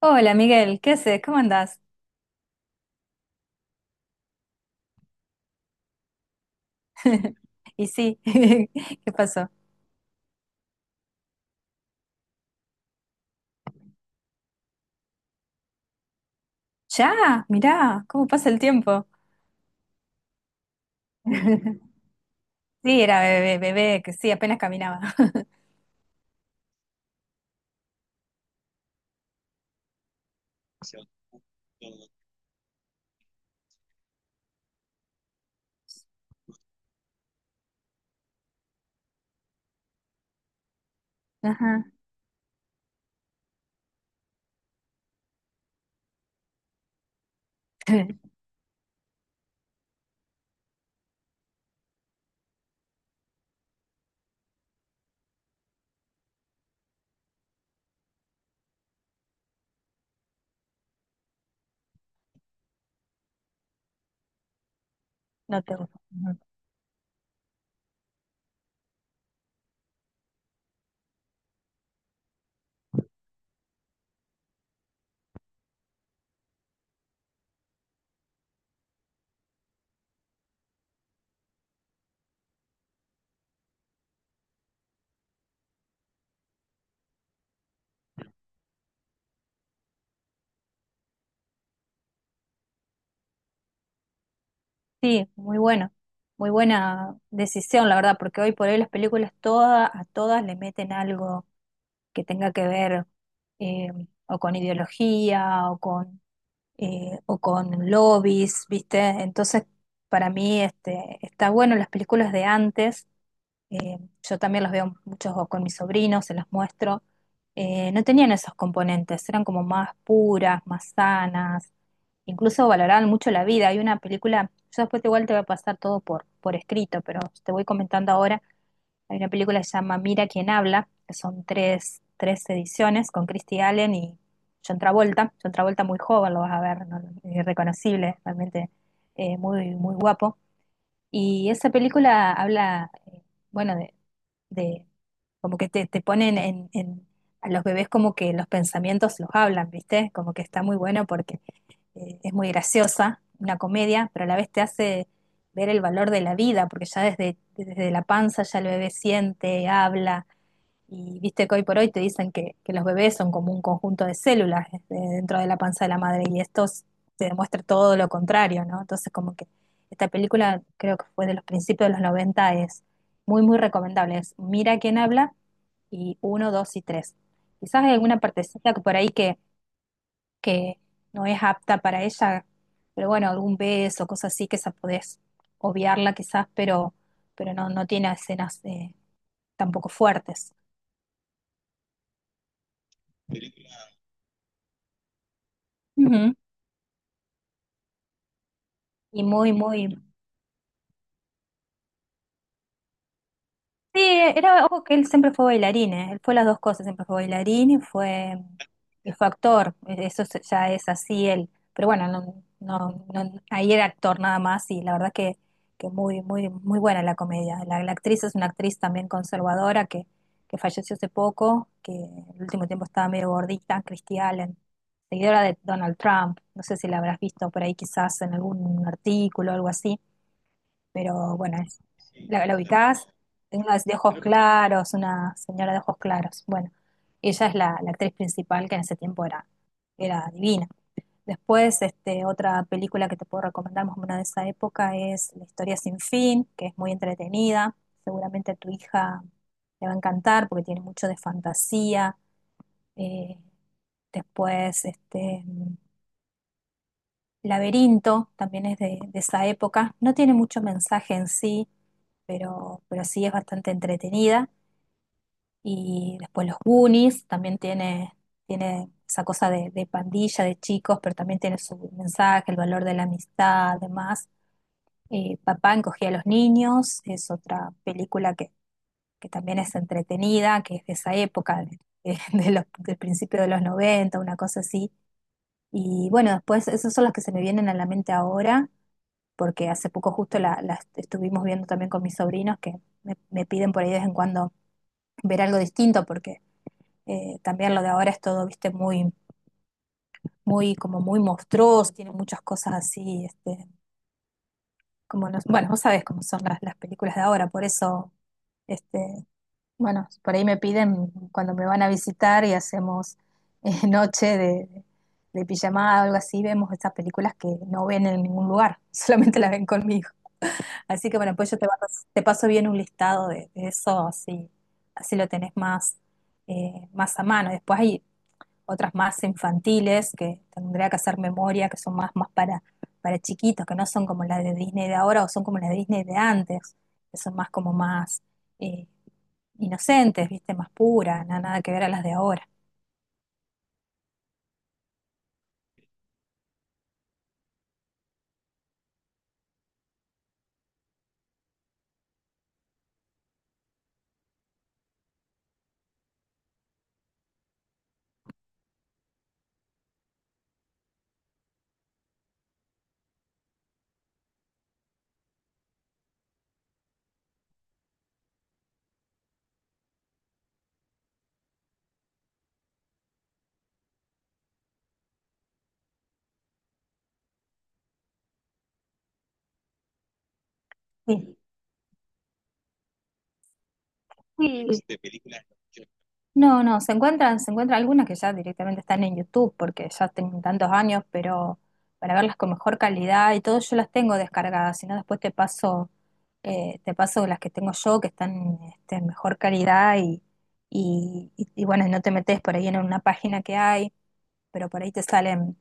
Hola Miguel, ¿qué haces? ¿Cómo andás? Y sí, ¿qué pasó? Ya, mirá, ¿cómo pasa el tiempo? Sí, era bebé, bebé, que sí, apenas caminaba. Ajá. No te gusta. Sí, muy bueno, muy buena decisión, la verdad, porque hoy por hoy las películas todas, a todas le meten algo que tenga que ver eh, o con ideología o o con lobbies, ¿viste? Entonces, para mí este, está bueno las películas de antes. Yo también los veo muchos o con mis sobrinos, se los muestro. No tenían esos componentes, eran como más puras, más sanas, incluso valoraban mucho la vida. Hay una película, yo después igual te voy a pasar todo por escrito, pero te voy comentando ahora. Hay una película que se llama Mira quién habla, que son tres ediciones con Christy Allen y John Travolta. John Travolta muy joven, lo vas a ver, ¿no? Irreconocible, realmente muy, muy guapo. Y esa película habla, bueno, de- como que te ponen a los bebés como que los pensamientos los hablan, ¿viste? Como que está muy bueno porque es muy graciosa, una comedia, pero a la vez te hace ver el valor de la vida, porque ya desde la panza ya el bebé siente, habla, y viste que hoy por hoy te dicen que los bebés son como un conjunto de células dentro de la panza de la madre y se demuestra todo lo contrario, ¿no? Entonces como que esta película creo que fue de los principios de los 90, es muy, muy recomendable. Es Mira quién habla y uno, dos y tres. Quizás hay alguna partecita que por ahí que no es apta para ella, pero bueno, algún beso, cosas así que esa podés obviarla quizás, pero no, no tiene escenas tampoco fuertes. Ujú. Y muy, muy... Sí, era, ojo que él siempre fue bailarín, ¿eh? Él fue las dos cosas, siempre fue bailarín y fue actor, ya es así él. Pero bueno, ahí era actor nada más y la verdad que muy, muy, muy buena la comedia. La actriz es una actriz también conservadora que falleció hace poco, que en el último tiempo estaba medio gordita, Christy Allen, seguidora de Donald Trump, no sé si la habrás visto por ahí quizás en algún artículo o algo así. Pero bueno, es, la ubicás, es una de ojos claros, una señora de ojos claros. Bueno, ella es la actriz principal que en ese tiempo era, era divina. Después, este, otra película que te puedo recomendar, más o menos de esa época, es La historia sin fin, que es muy entretenida. Seguramente a tu hija le va a encantar porque tiene mucho de fantasía. Eh, después, este, Laberinto también es de esa época. No tiene mucho mensaje en sí, pero sí es bastante entretenida. Y después los Goonies también tiene, tiene esa cosa de pandilla, de chicos, pero también tiene su mensaje, el valor de la amistad, demás. Papá encogía a los niños, es otra película que también es entretenida, que es de esa época, del principio de los 90, una cosa así. Y bueno, después esos son los que se me vienen a la mente ahora porque hace poco justo la estuvimos viendo también con mis sobrinos que me piden por ahí de vez en cuando ver algo distinto, porque también lo de ahora es todo, viste, muy, muy, como muy monstruoso, tiene muchas cosas así, este, como los, bueno, vos sabés cómo son las películas de ahora, por eso, este, bueno, por ahí me piden cuando me van a visitar y hacemos noche de pijamada o algo así, vemos estas películas que no ven en ningún lugar, solamente las ven conmigo. Así que bueno, pues yo paso te paso bien un listado de eso, así, así lo tenés más, más a mano. Después hay otras más infantiles que tendría que hacer memoria, que son más, más para chiquitos, que no son como las de Disney de ahora o son como las de Disney de antes, que son más como más eh, inocentes, viste, más puras, nada, nada que ver a las de ahora. Sí. No, no, se encuentran algunas que ya directamente están en YouTube porque ya tienen tantos años, pero para verlas con mejor calidad y todo yo las tengo descargadas, si no después te paso las que tengo yo que están este, en mejor calidad y bueno, no te metes por ahí en una página que hay, pero por ahí te salen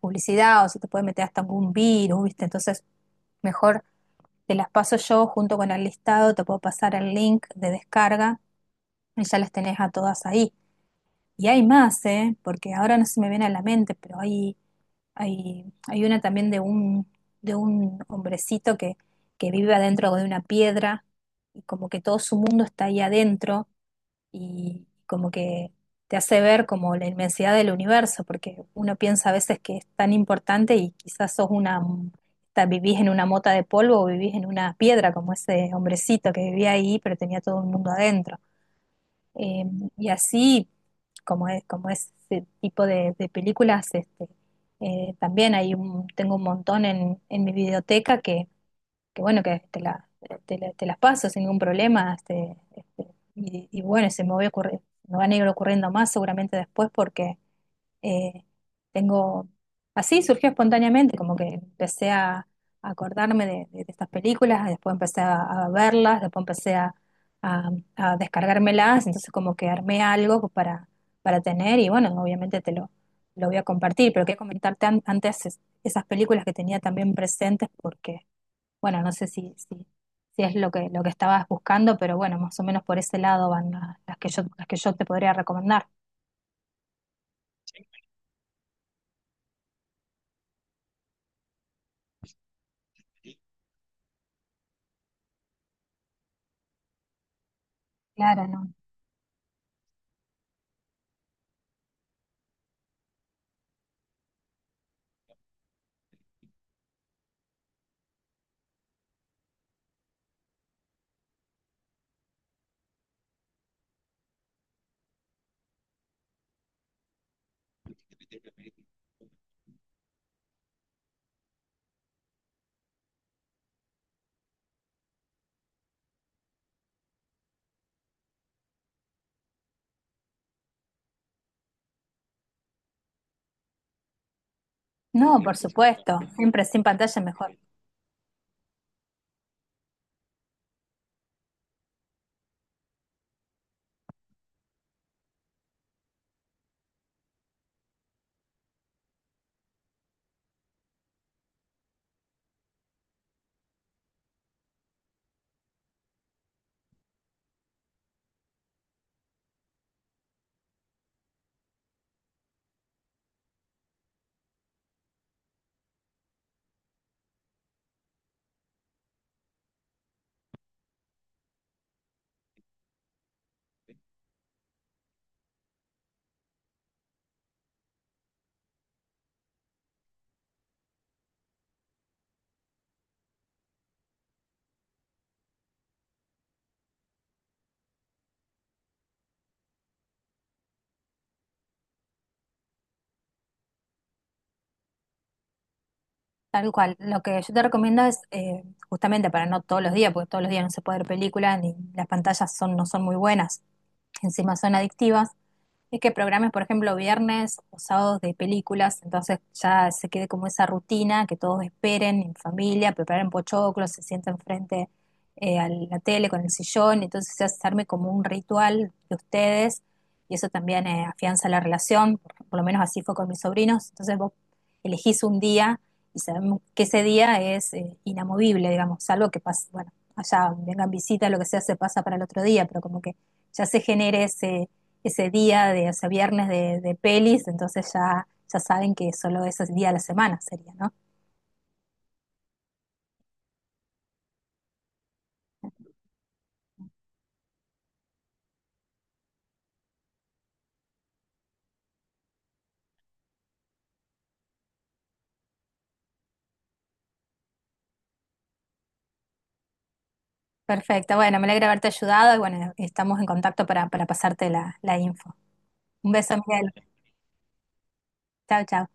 publicidad o se te puede meter hasta algún virus, ¿viste? Entonces mejor te las paso yo junto con el listado, te puedo pasar el link de descarga y ya las tenés a todas ahí. Y hay más, ¿eh? Porque ahora no se me viene a la mente, pero hay, hay una también de un hombrecito que vive adentro de una piedra y como que todo su mundo está ahí adentro y como que te hace ver como la inmensidad del universo, porque uno piensa a veces que es tan importante y quizás sos una, vivís en una mota de polvo o vivís en una piedra como ese hombrecito que vivía ahí, pero tenía todo el mundo adentro. Eh, y así, como es, como ese tipo de películas, este, también hay un, tengo un montón en mi biblioteca que bueno, que te las paso sin ningún problema. Este, y bueno, se me voy a ocurrir, me van a ir ocurriendo más seguramente después porque eh, tengo, así surgió espontáneamente, como que empecé a acordarme de estas películas, después empecé a verlas, después empecé a- a descargármelas, entonces como que armé algo pues para tener y bueno, obviamente te lo voy a compartir, pero quería comentarte antes esas películas que tenía también presentes porque, bueno, no sé si es lo lo que estabas buscando, pero bueno, más o menos por ese lado van las que yo, las que yo te podría recomendar. Claro, no. No, por supuesto, siempre sin pantalla mejor. Tal cual. Lo que yo te recomiendo es, justamente para no todos los días, porque todos los días no se puede ver películas, ni las pantallas son, no son muy buenas, encima son adictivas. Es que programes, por ejemplo, viernes o sábados de películas, entonces ya se quede como esa rutina que todos esperen en familia, preparen pochoclos, se sienten frente a la tele con el sillón, entonces se arme como un ritual de ustedes y eso también afianza la relación, por lo menos así fue con mis sobrinos, entonces vos elegís un día y sabemos que ese día es inamovible, digamos, salvo que pase, bueno, allá vengan visitas, lo que sea, se pasa para el otro día, pero como que ya se genere ese día de ese viernes de pelis, entonces ya, ya saben que solo ese día de la semana sería, ¿no? Perfecto, bueno, me alegra haberte ayudado y bueno, estamos en contacto para pasarte la info. Un beso, Miguel. Chao, chao.